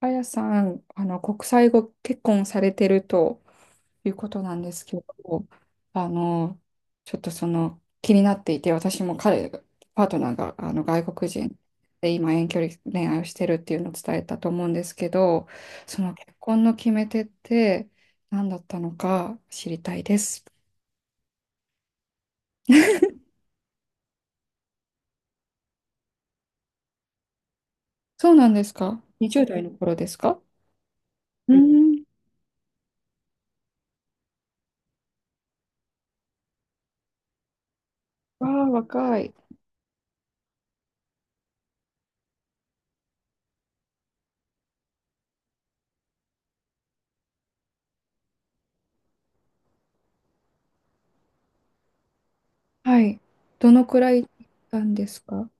あやさん、国際ご結婚されてるということなんですけど、あの、ちょっとその気になっていて、私もパートナーが外国人で今遠距離恋愛をしてるっていうのを伝えたと思うんですけど、その結婚の決め手って何だったのか知りたいです。そうなんですか？ 20 代の頃ですか？うん、わあ、若い。はい。どのくらいなんですか？は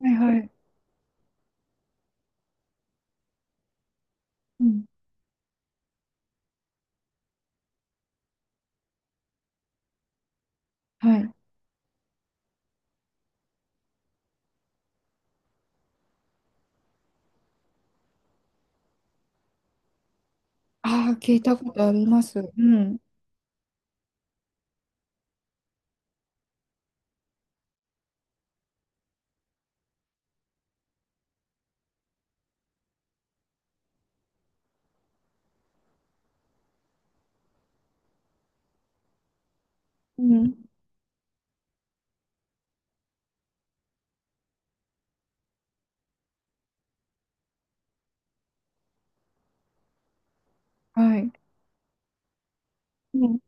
いはい。うん。はい。ああ、聞いたことあります。うん。うん。はい。うん。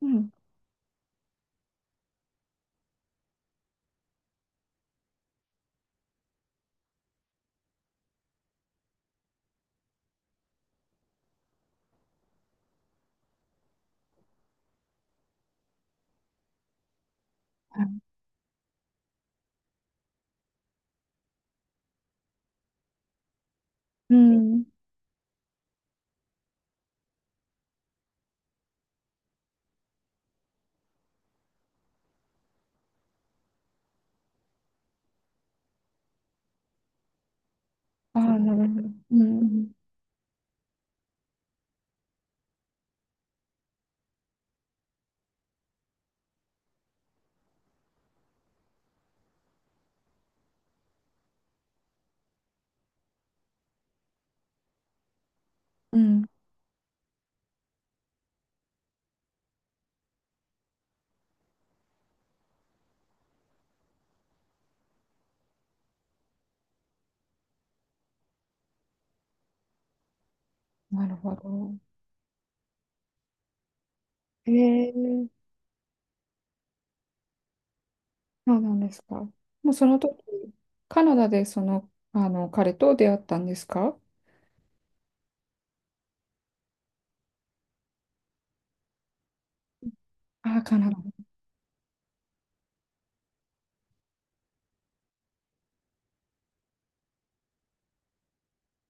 うん。うん。ああ、なるほど。うん。うん。なるほど。ええ、そうなんですか。もうその時、カナダでその、彼と出会ったんですか？ああ、カナダ。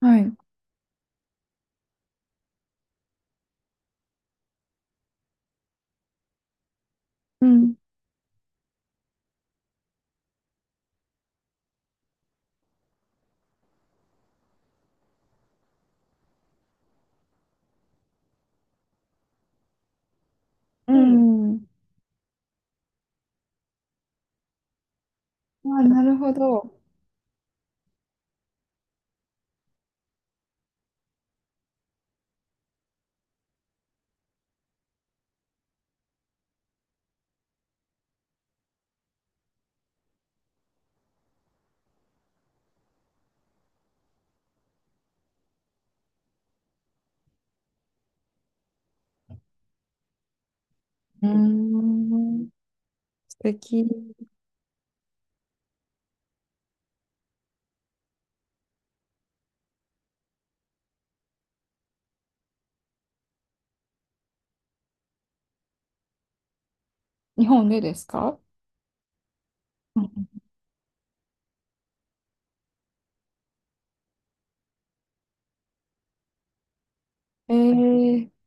はい。うん。うん。ああ、なるほど。うーん。素敵。日本でですか？うん。ええ。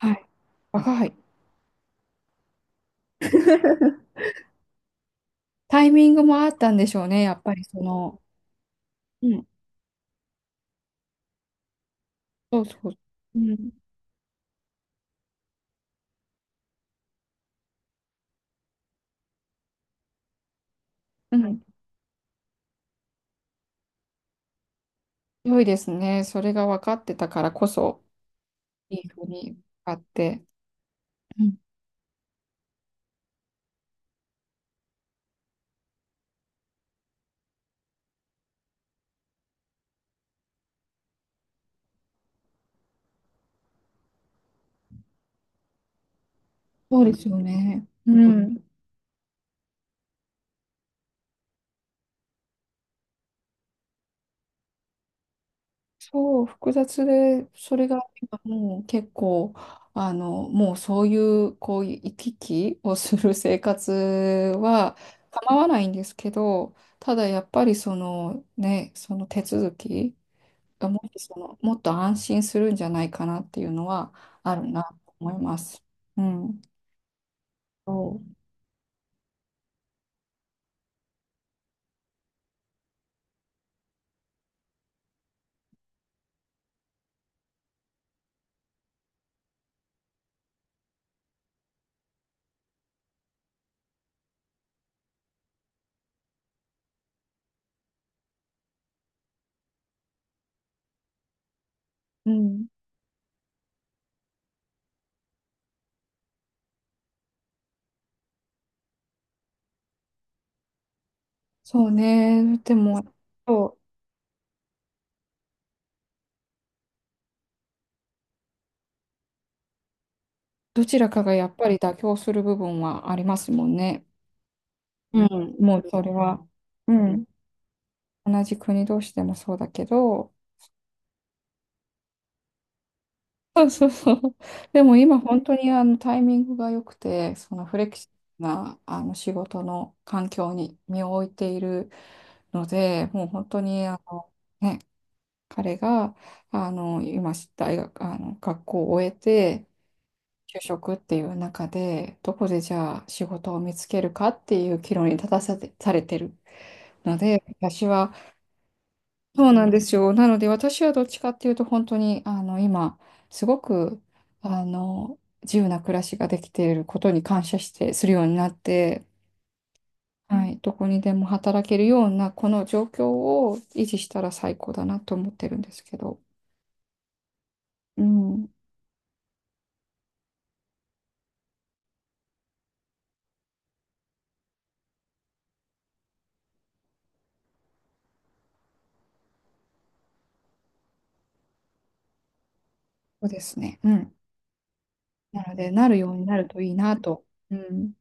はい。若い。タイミングもあったんでしょうね、やっぱりその、うん、そうそう、うん、うん、良いですね。それが分かってたからこそ、いいふうにあって、うん、そうですよね。うん、そう、複雑で、それが今もう結構、もうそういう、こういう行き来をする生活は構わないんですけど、ただやっぱりそのね、その手続きがもっとその、もっと安心するんじゃないかなっていうのはあるなと思います。うん。そう、うん、そうね。でも、そう、どちらかがやっぱり妥協する部分はありますもんね。うん、もうそれは、うん、同じ国同士でもそうだけど、そうそうそう。でも今本当にタイミングが良くて、そのフレキシブルな仕事の環境に身を置いているので、もう本当にあの、ね、彼があの今大学あの学校を終えて就職っていう中でどこでじゃあ仕事を見つけるかっていう岐路に立たされてるので私は、そうなんですよ。なので私はどっちかっていうと本当にあの今すごく自由な暮らしができていることに感謝してするようになって。はい、どこにでも働けるようなこの状況を維持したら最高だなと思ってるんですけど。うん。そうですね。うん。なので、なるようになるといいなと。うん。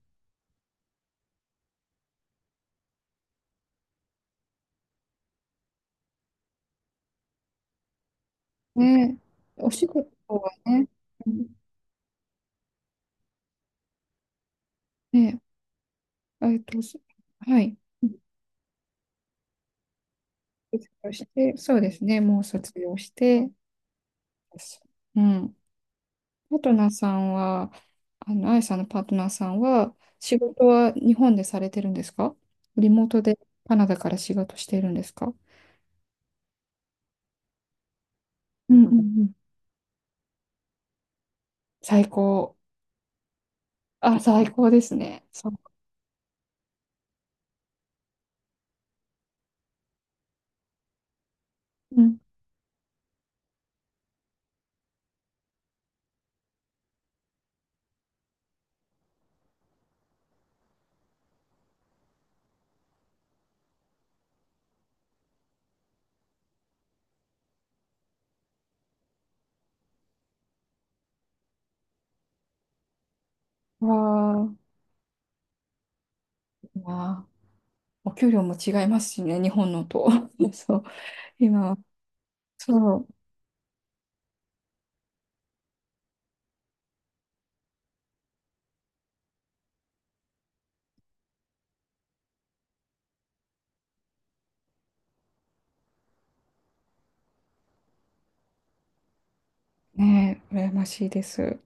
ね、お仕事はね、うん、ね、えっと、そはい。うん、卒業して、そうですね、もう卒業して、です。うん。パートナーさんは、あやさんのパートナーさんは、仕事は日本でされてるんですか？リモートでカナダから仕事しているんですか？うんうんうん。最高。あ、最高ですね。そう。うん。わー、いいな。お給料も違いますしね、日本のと。そう、今は、そう、ね、羨ましいです。